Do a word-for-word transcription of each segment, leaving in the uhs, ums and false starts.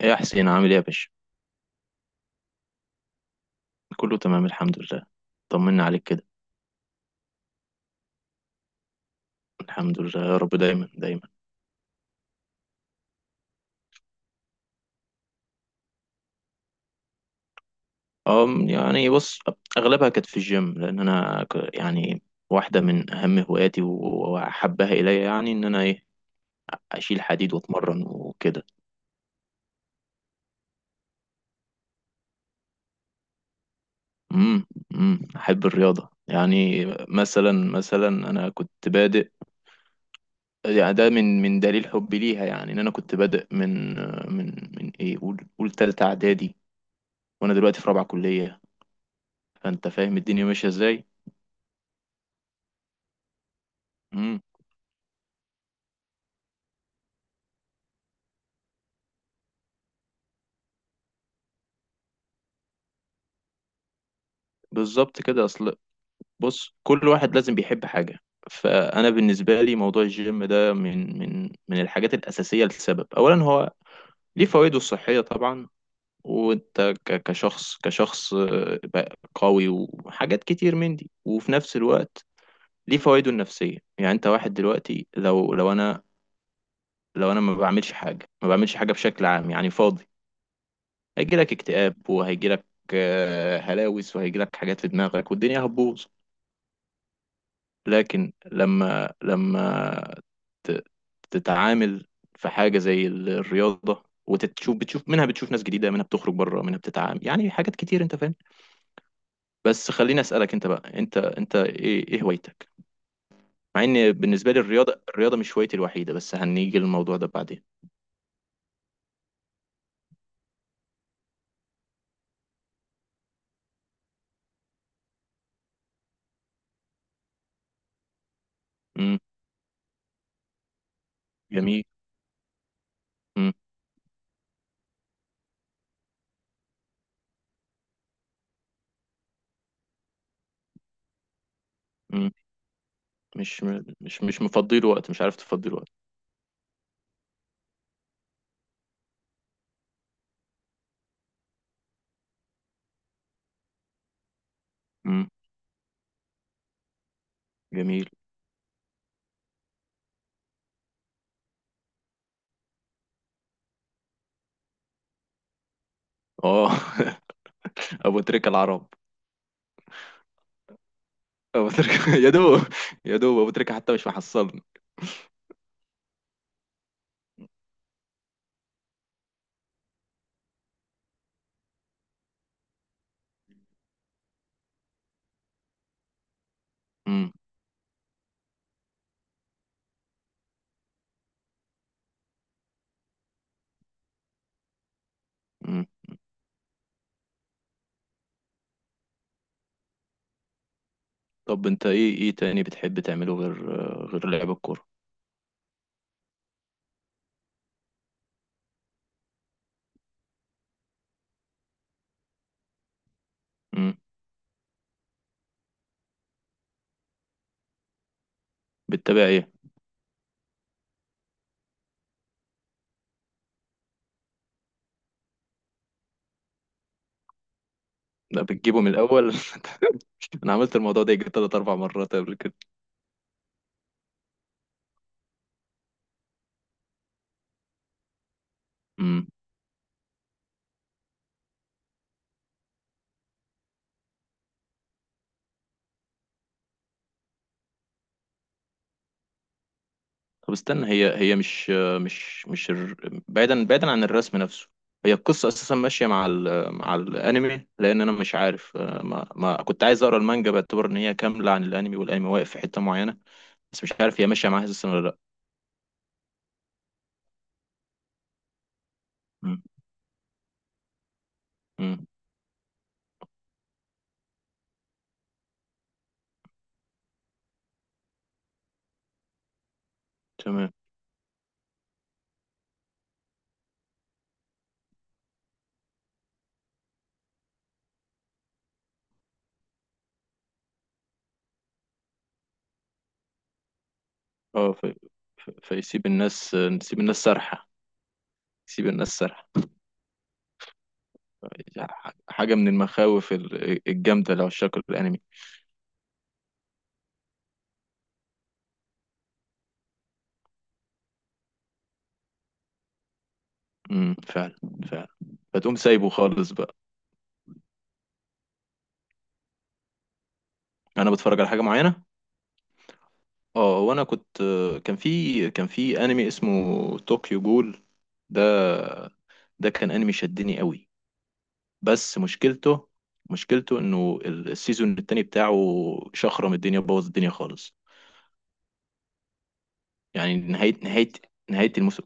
ايه يا حسين، عامل ايه يا باشا؟ كله تمام، الحمد لله. طمنا عليك كده. الحمد لله يا رب، دايما دايما. أم يعني بص، اغلبها كانت في الجيم لان انا ك- يعني واحده من اهم هواياتي و- واحبها الي، يعني ان انا ايه. اشيل حديد واتمرن وكده. امم. امم احب الرياضه، يعني مثلا مثلا انا كنت بادئ، يعني ده من من دليل حبي ليها، يعني ان انا كنت بادئ من من من ايه، قول قول تالتة اعدادي، وانا دلوقتي في رابعه كليه، فانت فاهم الدنيا ماشيه ازاي. امم. بالظبط كده، اصل بص، كل واحد لازم بيحب حاجة. فانا بالنسبة لي موضوع الجيم ده من من من الحاجات الأساسية لسبب، اولا هو ليه فوائده الصحية طبعا، وانت ك- كشخص كشخص آه، بقى قوي وحاجات كتير من دي، وفي نفس الوقت ليه فوائده النفسية. يعني انت واحد دلوقتي، لو لو انا، لو انا ما بعملش حاجة، ما بعملش حاجة بشكل عام، يعني فاضي، هيجيلك اكتئاب وهيجيلك آه، هلاوس وهيجيلك حاجات في دماغك والدنيا هتبوظ. لكن لما لما ت- تتعامل في حاجة زي ال- الرياضة وتشوف، بتشوف منها، بتشوف ناس جديدة، منها بتخرج بره، منها بتتعامل، يعني حاجات كتير انت فاهم. بس خليني أسألك انت بقى، انت انت ايه ايه هوايتك؟ مع ان بالنسبة لي الرياضة الرياضة مش هوايتي الوحيدة، بس هنيجي للموضوع ده بعدين. امم. جميل. امم. امم مش مش مش مفضيله وقت، مش عارف تفضيله وقت. امم. جميل. اه ابو تريكة العرب. ابو تريكة يا دوب. يا دوب ابو تريكة حتى مش محصلني. امم. مم. طب انت ايه ايه تاني بتحب تعمله غير غير لعب الكورة؟ مم. بتتابع ايه؟ لا، بتجيبه من الاول انا عملت الموضوع ده يجي تلات اربع مرات قبل كده. مم. طب استنى، هي هي مش، مش مش الر... بعيدا بعيدا عن الرسم نفسه، هي القصة اساسا ماشية مع ال... مع الانمي، لان انا مش عارف، ما, ما كنت عايز اقرا المانجا باعتبار ان هي كاملة عن الانمي، والانمي واقف في حتة معينة. بس مش عارف هي ماشية معاها اساسا ولا لا. مم. مم. تمام. اه، ف... ف... فيسيب الناس نسيب الناس سرحة، سيب الناس سرح. حاجة من المخاوف ال- الجامدة اللي عشاق الأنمي. امم، فعلا. فعلا. فتقوم سايبه خالص بقى. أنا بتفرج على حاجة معينة. اه وأنا كنت، كان في كان في أنمي اسمه طوكيو جول. ده ده كان أنمي شدني قوي. بس مشكلته، مشكلته إنه ال- السيزون التاني بتاعه شخرم الدنيا، بوظ الدنيا خالص. يعني نهاية نهاية نهاية الموسم،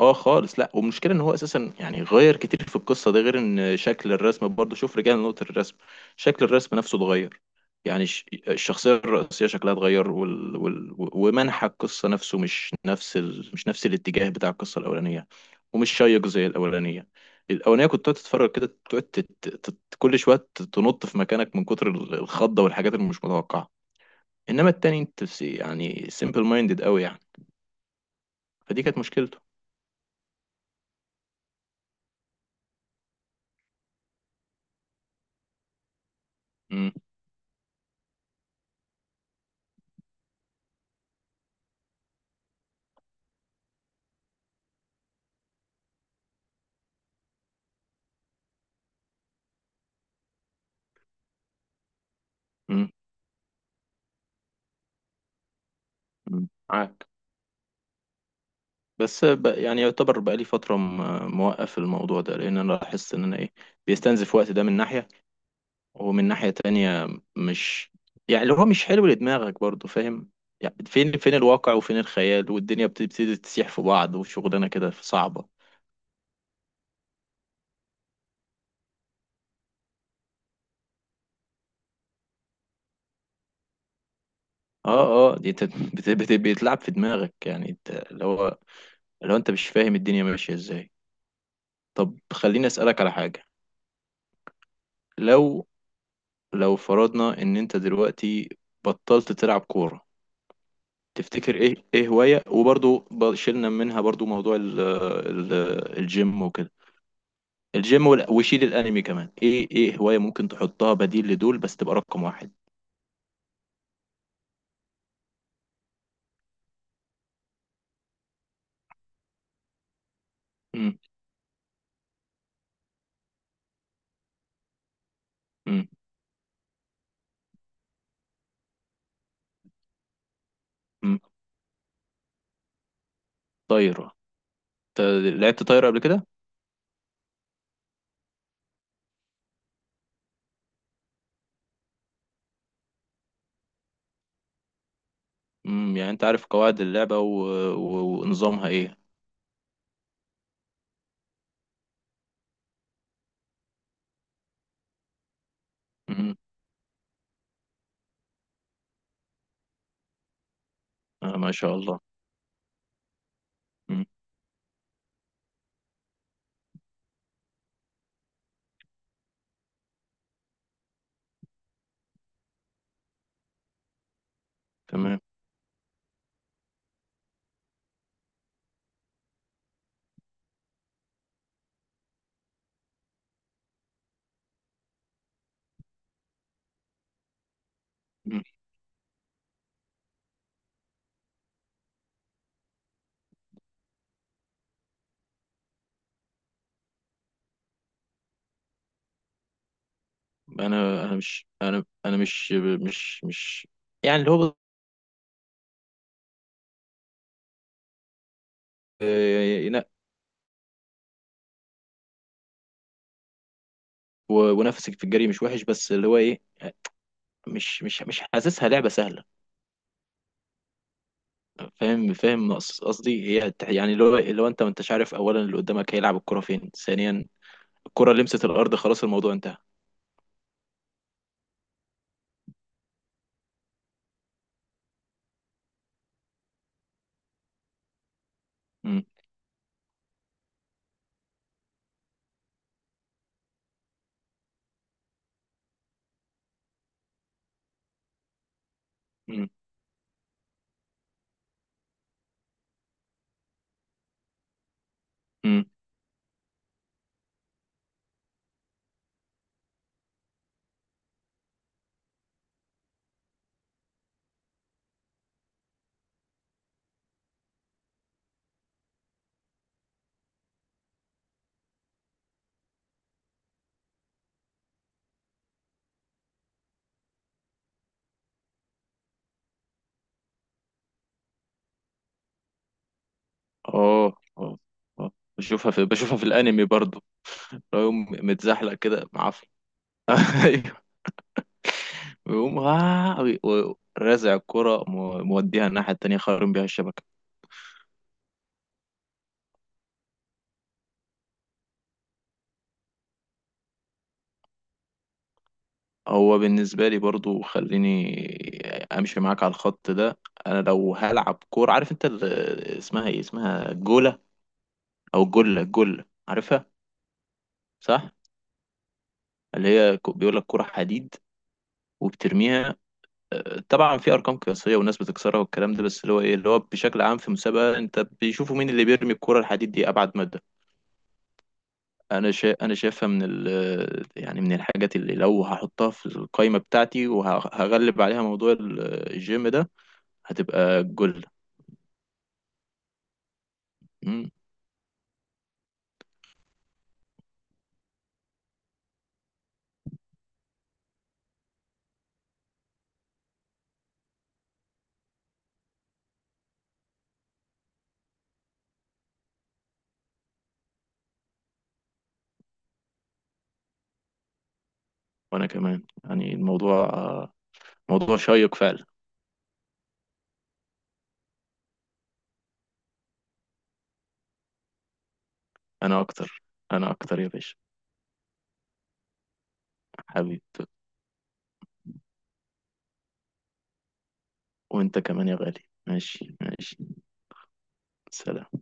اه خالص لا. والمشكله ان هو اساسا، يعني غير كتير في القصه، ده غير ان شكل الرسم برضه، شوف رجعنا لنقطه الرسم. شكل الرسم نفسه اتغير، يعني ش- الشخصيه الرئيسيه شكلها اتغير، وال... وال... ومنحى القصه نفسه مش نفس ال...، مش نفس الاتجاه بتاع القصه الاولانيه، ومش شيق زي الاولانيه. الاولانيه كنت تقعد تتفرج كده، تقعد تت... تت... كل شويه تنط في مكانك من كتر ال- الخضه والحاجات اللي مش متوقعه. انما التاني انت س- يعني سيمبل مايندد قوي يعني. فدي كانت مشكلته. امم. امم. امم، معاك. بس ب... يعني يعتبر بقالي فترة م... موقف الموضوع ده، لأن أنا لاحظت إن أنا إيه، بيستنزف وقت، ده من ناحية. ومن ناحية تانية، مش، يعني اللي هو مش حلو لدماغك برضو، فاهم؟ يعني فين فين الواقع وفين الخيال، والدنيا بتبتدي تسيح في بعض، وشغلانة كده صعبة. اه اه، دي انت بت... بت... بيتلعب في دماغك، يعني انت اللي هو لو انت مش فاهم الدنيا ماشية ازاي. طب خليني أسألك على حاجة. لو، لو فرضنا ان انت دلوقتي بطلت تلعب كورة، تفتكر ايه ايه هواية، وبرضو ب- شلنا منها برضو موضوع ال ال الجيم وكده، الجيم وال- وشيل الانمي كمان، ايه ايه هواية ممكن تحطها بديل لدول بس تبقى رقم واحد؟ امم. امم. امم طايرة. انت لعبت طايرة قبل كده؟ امم يعني انت عارف قواعد اللعبة و... و... ونظامها ايه. امم. آه ما شاء الله. امم. تمام. امم. انا انا مش، انا انا مش، مش مش يعني اللي هو آه، ينق- و- ونفسك في الجري مش وحش، بس اللي هو ايه، مش مش مش حاسسها لعبة سهلة. فاهم فاهم، قص- قصدي هي الت- يعني لو لو انت ما انتش عارف اولا اللي قدامك هيلعب الكرة فين، ثانيا الكرة لمست الارض خلاص الموضوع انتهى. امم. امم. امم. اه اه. آه. بشوفها في بشوفها في الانمي برضو. لو يقوم متزحلق كده معفن ايوه، ويقوم آه وي- ورازع الكرة مو- موديها الناحية التانية خارم بيها الشبكة. هو بالنسبة لي برضو، خليني امشي معاك على الخط ده. انا لو هلعب كورة، عارف انت ال- اسمها ايه، اسمها جولة او جلة، جلة عارفها؟ صح. اللي هي كو- بيقول لك كورة حديد وبترميها. آه، طبعا في ارقام قياسية وناس بتكسرها والكلام ده، بس اللي هو ايه، اللي هو بشكل عام في مسابقة انت بيشوفوا مين اللي بيرمي الكورة الحديد دي ابعد مدى. انا شا... انا شايفها من ال...، يعني من الحاجات اللي لو هحطها في القائمة بتاعتي وهغلب عليها موضوع ال- الجيم ده هتبقى الجلة. مم. وانا كمان يعني الموضوع آه، موضوع شيق فعلا. انا اكتر، انا اكتر يا باشا. حبيبي، وانت كمان يا غالي، ماشي ماشي. سلام.